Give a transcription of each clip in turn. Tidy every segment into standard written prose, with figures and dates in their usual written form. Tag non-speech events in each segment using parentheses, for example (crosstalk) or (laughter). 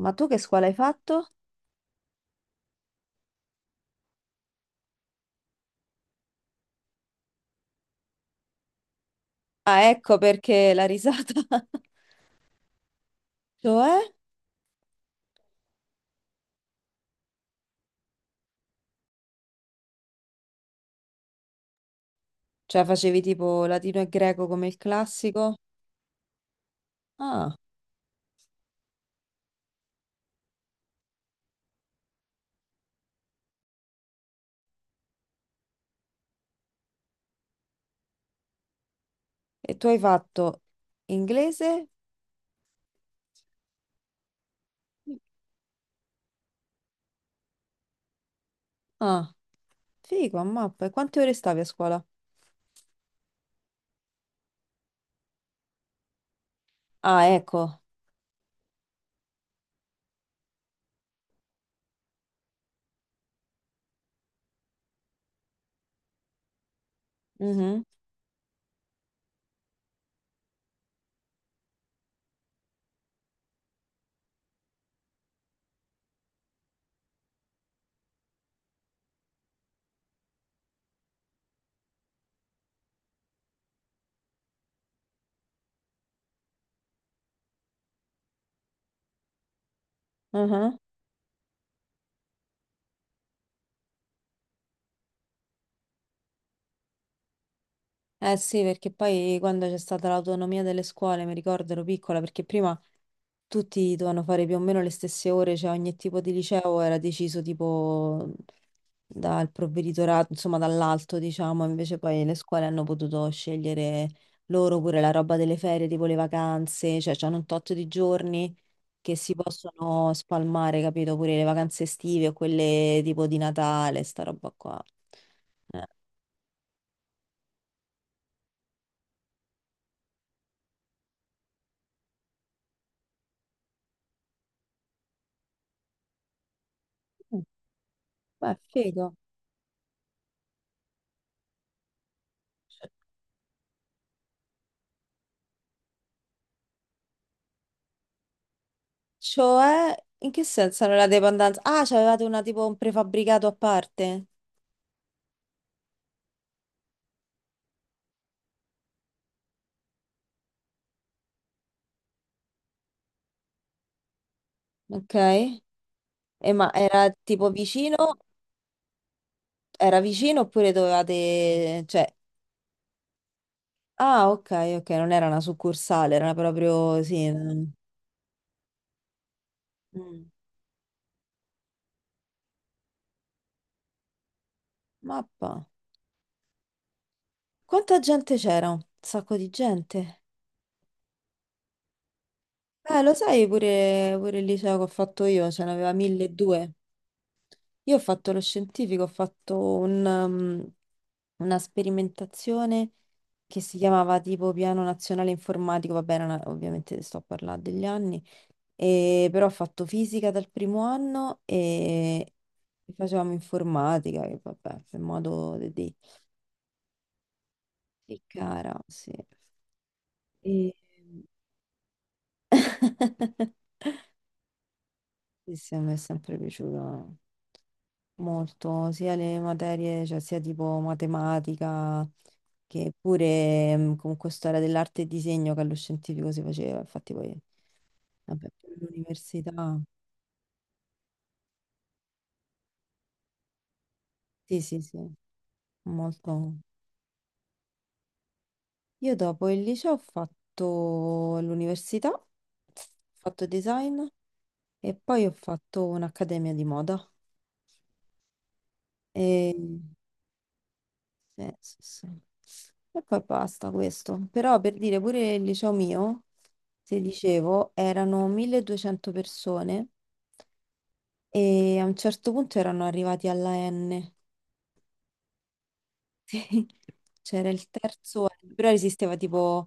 Ma tu che scuola hai fatto? Ah, ecco perché la risata. (laughs) Cioè? Cioè facevi tipo latino e greco come il classico? Ah, e tu hai fatto inglese? Ah, figo, a mappa. E quante ore stavi a scuola? Ah, ecco. Mhm, mhm. Eh sì, perché poi quando c'è stata l'autonomia delle scuole, mi ricordo ero piccola, perché prima tutti dovevano fare più o meno le stesse ore, cioè ogni tipo di liceo era deciso tipo dal provveditorato, insomma dall'alto, diciamo, invece poi le scuole hanno potuto scegliere loro pure la roba delle ferie, tipo le vacanze, cioè hanno un tot di giorni che si possono spalmare, capito? Pure le vacanze estive o quelle tipo di Natale, sta roba qua. Eh, Beh, figo. Cioè, in che senso non la dependenza? Ah, c'avevate una tipo un prefabbricato a parte? Ok. E ma era tipo vicino? Era vicino oppure dovevate... Cioè... Ah, ok, ok, non era una succursale, era proprio... Sì. Mm. Mappa. Quanta gente c'era? Un sacco di gente. Lo sai pure, pure il liceo che ho fatto io, ce n'aveva 1200. Io ho fatto lo scientifico, ho fatto un, una sperimentazione che si chiamava tipo Piano Nazionale Informatico, vabbè, era una- ovviamente sto a parlare degli anni. E però ho fatto fisica dal primo anno e facevamo informatica, che vabbè, per modo di dire. Che cara, sì. E... (laughs) Sì, sì, a me è sempre piaciuto molto, sia le materie, cioè sia tipo matematica, che pure comunque storia dell'arte e disegno che allo scientifico si faceva, infatti poi, vabbè, pure l'università, sì, sì, sì, molto. Io dopo il liceo ho fatto l'università, ho fatto design e poi ho fatto un'accademia di moda. E... sì, sì, sì. E poi basta questo. Però per dire pure il liceo mio, se dicevo, erano 1200 persone e a un certo punto erano arrivati alla N. (laughs) Sì. C'era il terzo, anno, però esisteva tipo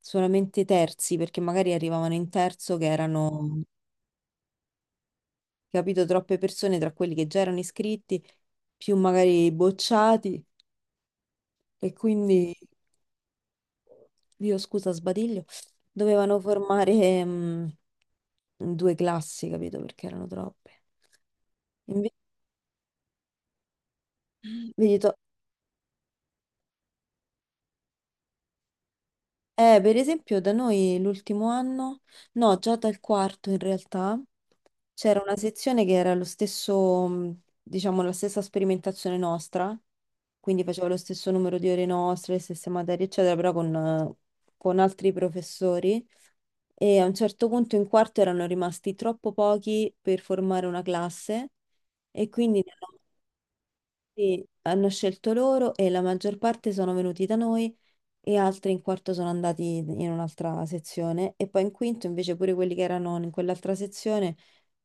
solamente terzi, perché magari arrivavano in terzo che erano capito, troppe persone tra quelli che già erano iscritti, più magari i bocciati, e quindi, io scusa, sbadiglio, dovevano formare due classi, capito, perché erano troppe. Invece, vedi, to- per esempio, da noi l'ultimo anno, no, già dal quarto in realtà, c'era una sezione che era lo stesso, diciamo, la stessa sperimentazione nostra, quindi faceva lo stesso numero di ore nostre, le stesse materie, eccetera, però con altri professori. E a un certo punto in quarto erano rimasti troppo pochi per formare una classe e quindi ne hanno sì, hanno scelto loro e la maggior parte sono venuti da noi e altri in quarto sono andati in un'altra sezione e poi in quinto invece pure quelli che erano in quell'altra sezione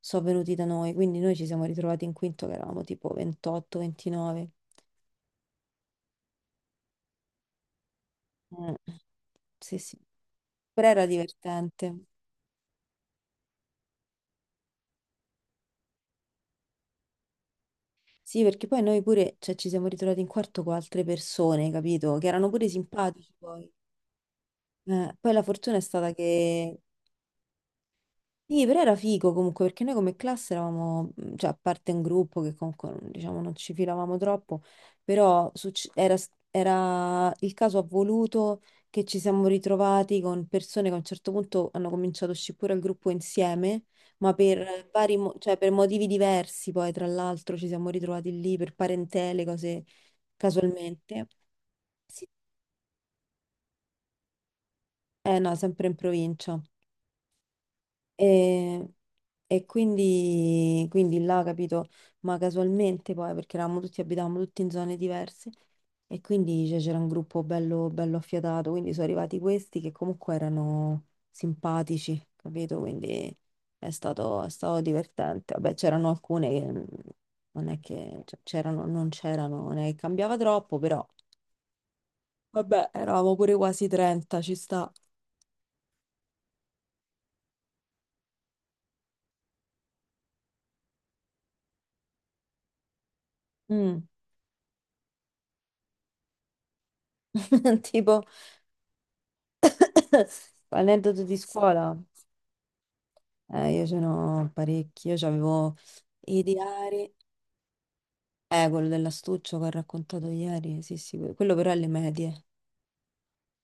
sono venuti da noi, quindi noi ci siamo ritrovati in quinto che eravamo tipo 28, 29. Mm. Sì, sì, però era divertente. Sì, perché poi noi pure, cioè, ci siamo ritrovati in quarto con altre persone, capito? Che erano pure simpatici poi. Poi la fortuna è stata che sì, però era figo comunque perché noi come classe eravamo, cioè a parte un gruppo che comunque non- diciamo non ci filavamo troppo, però succe- era, s- era- il caso ha voluto che ci siamo ritrovati con persone che a un certo punto hanno cominciato a uscire pure al gruppo insieme, ma per vari, mo- cioè per motivi diversi poi tra l'altro ci siamo ritrovati lì per parentele, cose casualmente. Sì. Eh no, sempre in provincia. E, e quindi, quindi là, capito, ma casualmente poi, perché eravamo tutti, abitavamo tutti in zone diverse, e quindi cioè, c'era un gruppo bello, bello affiatato, quindi sono arrivati questi che comunque erano simpatici, capito? Quindi è stato divertente. Vabbè, c'erano alcune che non è che cioè, c'erano, non è che cambiava troppo, però vabbè, eravamo pure quasi 30, ci sta. Mm, (laughs) tipo, (coughs) aneddoto di scuola. Io ce n'ho parecchi, io c'avevo i diari, quello dell'astuccio che ho raccontato ieri, sì, sì, que- quello però alle medie,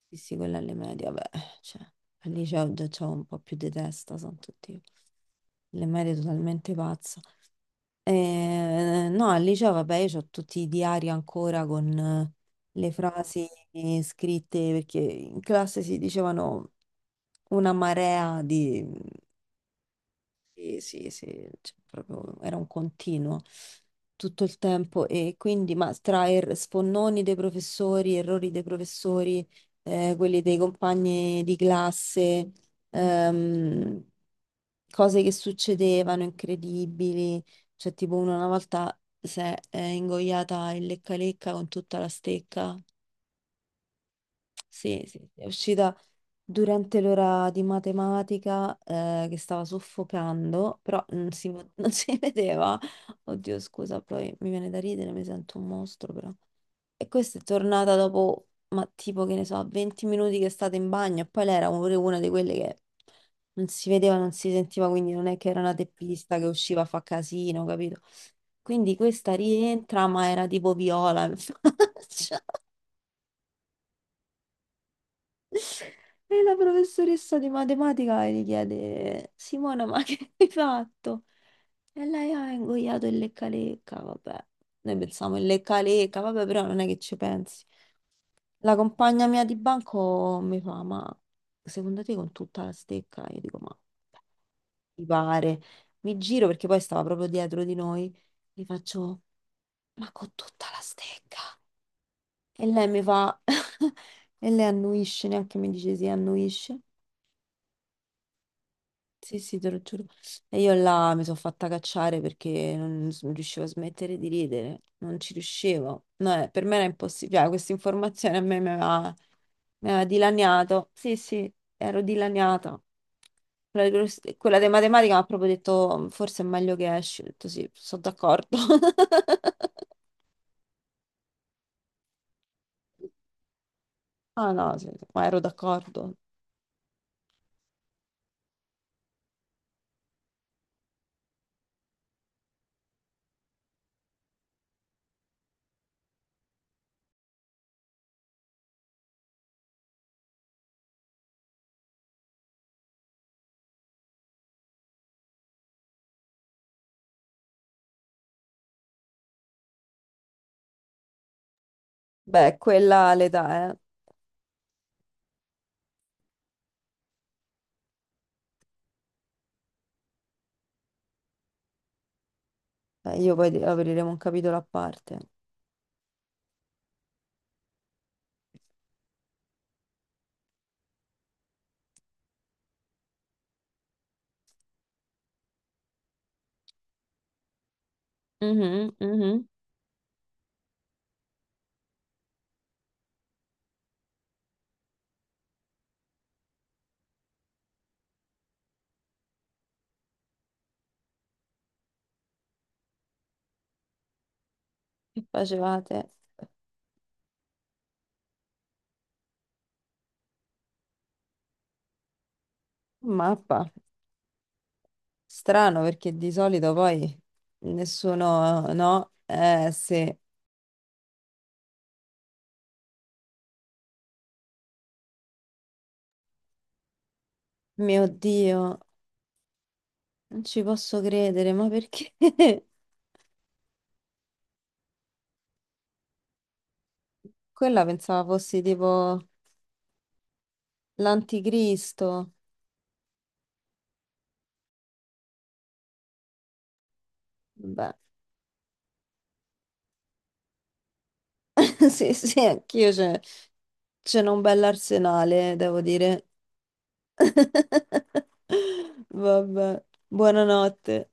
sì, sì, quello alle medie, vabbè, cioè, al liceo già c'ho un po' più di testa, sono tutti, le medie totalmente pazza. No, al liceo, vabbè, io c'ho tutti i diari ancora con le frasi scritte, perché in classe si dicevano una marea di sì, sì, sì, cioè, proprio era un continuo tutto il tempo e quindi, ma tra er- sfonnoni dei professori, errori dei professori, quelli dei compagni di classe, ehm, cose che succedevano incredibili, cioè tipo uno una volta si è ingoiata il lecca-lecca con tutta la stecca, sì, sì, è uscita durante l'ora di matematica che stava soffocando, però non si, vo- (laughs) non si vedeva. Oddio, scusa, poi mi viene da ridere, mi sento un mostro però. E questa è tornata dopo, ma tipo che ne so, 20 minuti che è stata in bagno e poi lei era pure una di quelle che non si vedeva, non si sentiva, quindi non è che era una teppista che usciva a fa casino, capito? Quindi questa rientra, ma era tipo viola in (laughs) faccia. E la professoressa di matematica gli chiede, "Simona, ma che hai fatto?" E lei, "ha ingoiato il lecca-lecca", vabbè. Noi pensiamo il lecca-lecca, vabbè, però non è che ci pensi. La compagna mia di banco mi fa, "ma secondo te con tutta la stecca?" Io dico, "ma mi pare." Mi giro perché poi stava proprio dietro di noi. Gli faccio, "ma con tutta la stecca?" E lei mi fa, (laughs) e lei annuisce, neanche mi dice sì, annuisce. Sì, sì, te lo giuro. E io là mi sono fatta cacciare perché non s- non riuscivo a smettere di ridere, non ci riuscivo. No, per me era impossibile. Ah, questa informazione a me mi aveva dilaniato. Sì, sì, ero dilaniata. Quella di, quello- quella di matematica mi ha proprio detto, "Mm, forse è meglio che esci." Ho detto sì, sono d'accordo. (laughs) Ah no, sì, sì, ma ero d'accordo. Beh, quella l'età, eh. Beh, io poi di- apriremo un capitolo a parte. Mhm, mhm. Che facevate? Mappa. Strano perché di solito poi nessuno, no? Eh sì, mio Dio, non ci posso credere, ma perché? (laughs) Quella pensavo fossi tipo l'anticristo. Beh, (laughs) sì, sì, anch'io c'è c'è un bell'arsenale, devo dire. (laughs) Vabbè, buonanotte.